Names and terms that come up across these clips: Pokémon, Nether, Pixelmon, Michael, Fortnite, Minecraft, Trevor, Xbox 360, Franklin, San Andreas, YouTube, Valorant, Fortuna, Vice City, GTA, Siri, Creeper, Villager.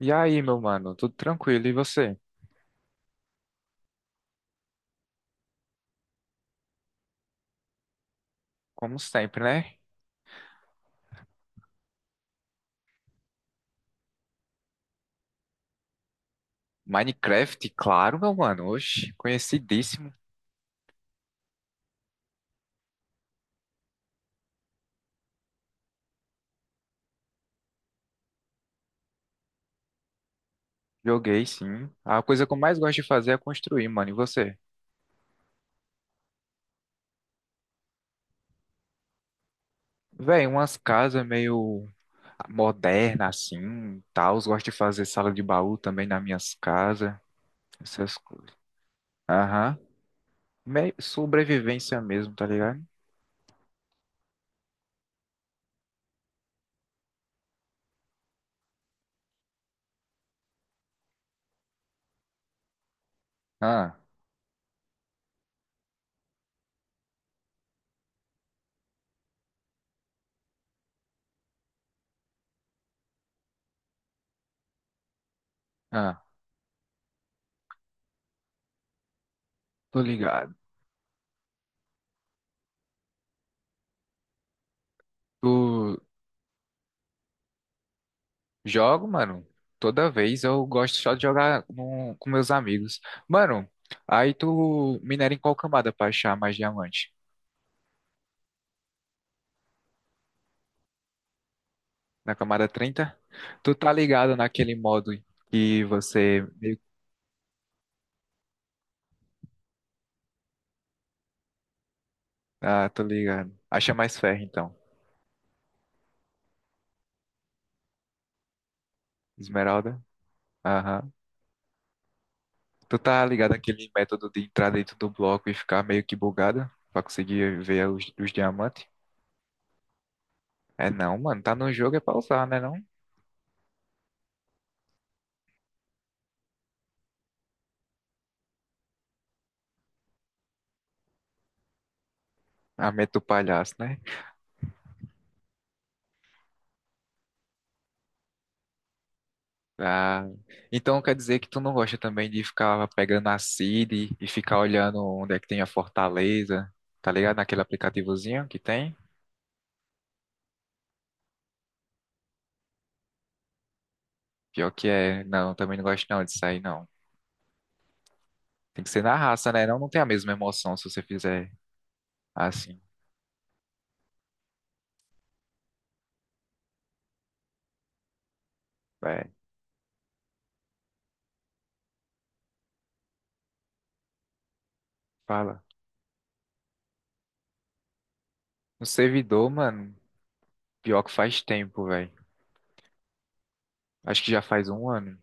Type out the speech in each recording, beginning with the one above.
E aí, meu mano, tudo tranquilo? E você? Como sempre, né? Minecraft, claro, meu mano. Oxe, conhecidíssimo. Joguei, sim. A coisa que eu mais gosto de fazer é construir, mano. E você? Véi, umas casas meio modernas, assim, tal. Gosto de fazer sala de baú também nas minhas casas. Essas coisas. Aham. Meio sobrevivência mesmo, tá ligado? Ah, ah, tô ligado. Tu, Jogo, mano. Toda vez eu gosto só de jogar com meus amigos. Mano, aí tu minera em qual camada pra achar mais diamante? Na camada 30? Tu tá ligado naquele modo que você. Ah, tô ligado. Acha mais ferro, então. Esmeralda? Aham. Tu tá ligado naquele método de entrar dentro do bloco e ficar meio que bugado pra conseguir ver os diamantes? É não, mano. Tá no jogo é pra usar, né não? A meta do palhaço, né? Ah, então quer dizer que tu não gosta também de ficar pegando a Siri e ficar olhando onde é que tem a fortaleza, tá ligado? Naquele aplicativozinho que tem? Pior que é, não, também não gosto não disso aí, não. Tem que ser na raça, né? Não, não tem a mesma emoção se você fizer assim, velho. Fala. No servidor, mano, pior que faz tempo, velho. Acho que já faz um ano.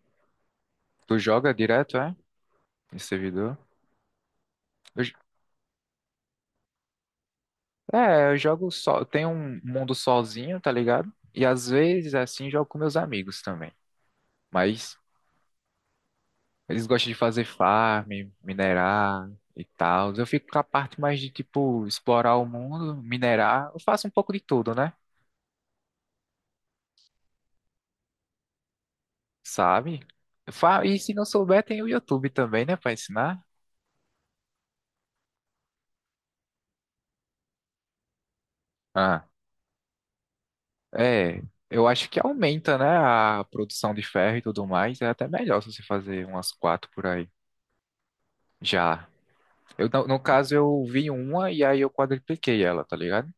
Tu joga direto, é? Em servidor? Eu j- é, eu jogo só, tem um mundo sozinho, tá ligado? E às vezes assim jogo com meus amigos também. Mas eles gostam de fazer farm, minerar e tal. Eu fico com a parte mais de, tipo, explorar o mundo, minerar. Eu faço um pouco de tudo, né? Sabe? E se não souber, tem o YouTube também, né, pra ensinar. Ah, é. Eu acho que aumenta, né, a produção de ferro e tudo mais. É até melhor se você fazer umas quatro por aí. Já. Eu, no caso, eu vi uma e aí eu quadripliquei ela, tá ligado?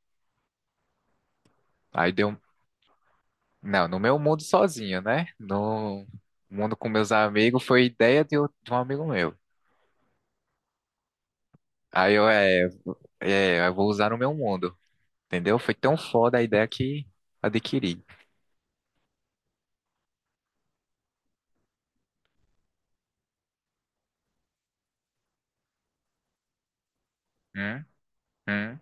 Aí deu Não, no meu mundo sozinho, né? No mundo com meus amigos foi ideia de um amigo meu. Aí eu vou usar no meu mundo, entendeu? Foi tão foda a ideia que adquiri. Hum, hum.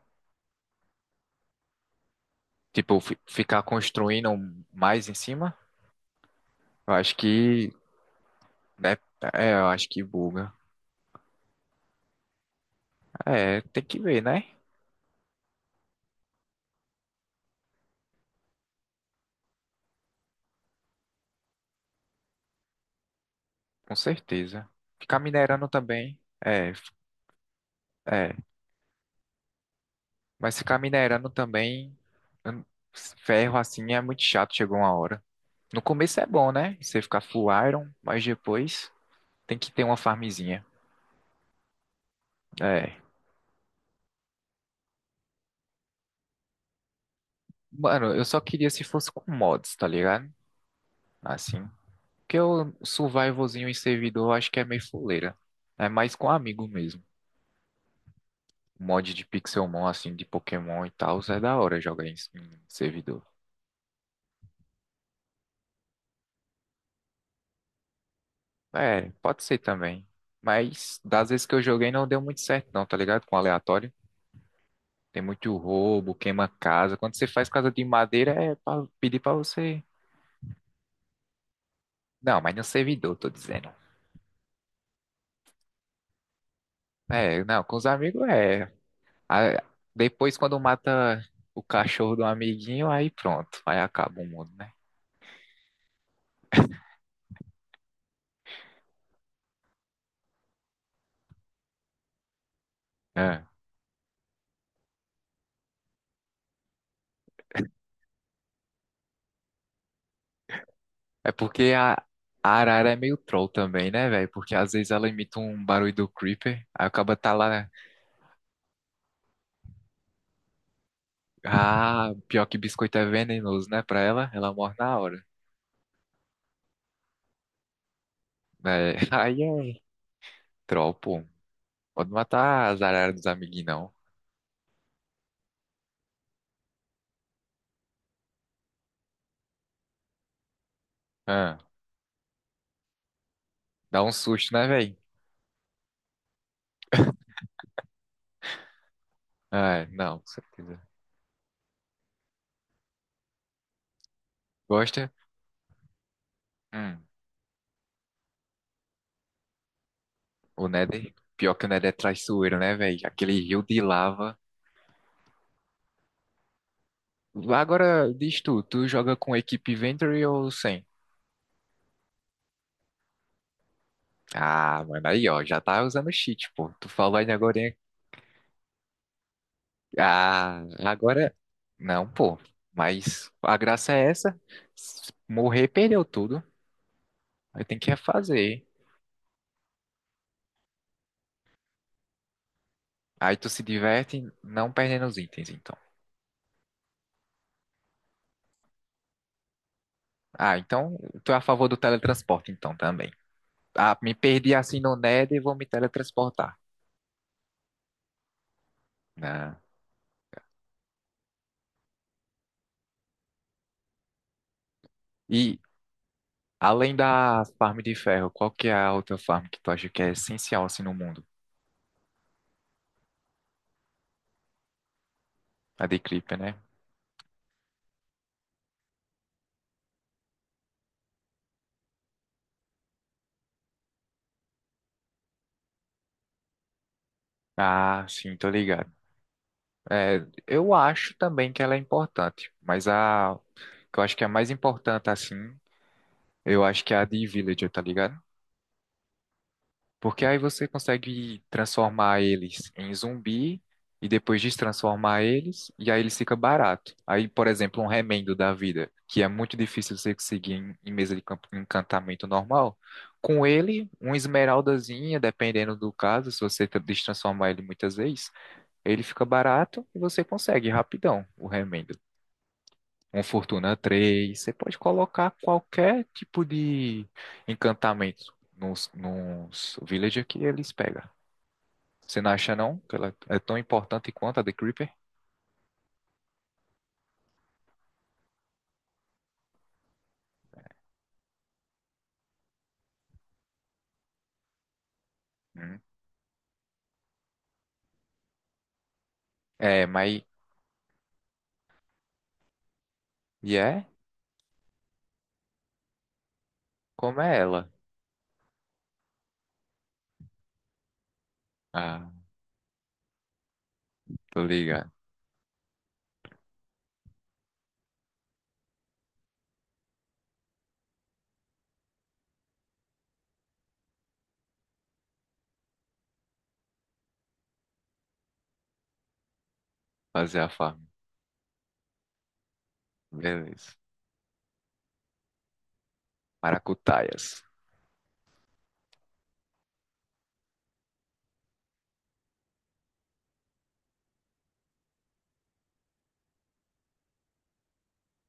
Tipo, ficar construindo mais em cima, eu acho que, né? É, eu acho que buga. É, tem que ver, né? Com certeza. Ficar minerando também, é, é. Mas ficar minerando também, hum, ferro assim é muito chato, chegou uma hora. No começo é bom, né? Você ficar full iron, mas depois tem que ter uma farmzinha. É. Mano, eu só queria se fosse com mods, tá ligado? Assim. Porque o survivalzinho em servidor eu acho que é meio fuleira. É mais com amigo mesmo. Mod de Pixelmon, assim, de Pokémon e tal, é da hora jogar em servidor. É, pode ser também. Mas das vezes que eu joguei não deu muito certo, não, tá ligado? Com aleatório. Tem muito roubo, queima casa. Quando você faz casa de madeira, é pra pedir pra você. Não, mas no servidor, tô dizendo. É, não, com os amigos é. A- Depois, quando mata o cachorro do amiguinho, aí pronto, aí acaba o mundo, né? É. É porque a arara é meio troll também, né, velho? Porque às vezes ela imita um barulho do Creeper, aí acaba tá lá. Ah, pior que biscoito é venenoso, né? Pra ela, ela morre na hora. É, aí é troll, pô. Pode matar as araras dos amiguinhos, não. Ah, dá um susto, né, velho? É, não, com certeza. Gosta? Hum. O Nether, pior que o Nether é traiçoeiro, né, velho? Aquele rio de lava. Agora, diz tu, tu joga com equipe Inventory ou sem? Ah, mano, aí, ó, já tá usando cheat, pô. Tu falou ainda agora, hein? Ah, agora. Não, pô. Mas a graça é essa. Morrer, perdeu tudo. Aí tem que refazer. Aí tu se diverte não perdendo os itens, então. Ah, então tu é a favor do teletransporte, então, também. Ah, me perdi assim no Nether e vou me teletransportar, né? E, Além da farm de ferro, qual que é a outra farm que tu acha que é essencial assim no mundo? A de Creeper, né? Ah, sim, tô ligado. É, eu acho também que ela é importante, mas a que eu acho que é a mais importante assim, eu acho que é a de Villager, tá ligado? Porque aí você consegue transformar eles em zumbi e depois destransformar eles, e aí eles fica barato. Aí, por exemplo, um remendo da vida, que é muito difícil você conseguir em mesa de encantamento normal, com ele, uma esmeraldazinha, dependendo do caso, se você destransformar ele muitas vezes, ele fica barato e você consegue rapidão o remendo. Um Fortuna III você pode colocar qualquer tipo de encantamento nos villager que eles pegam. Você não acha não que ela é tão importante quanto a The Creeper? Hum. É, mas e é como é ela? Ah, tô ligado. Fazer a farm. Beleza. Maracutaias.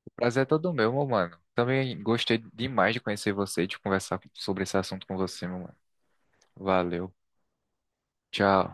O prazer é todo meu, meu mano. Também gostei demais de conhecer você e de conversar sobre esse assunto com você, meu mano. Valeu. Tchau.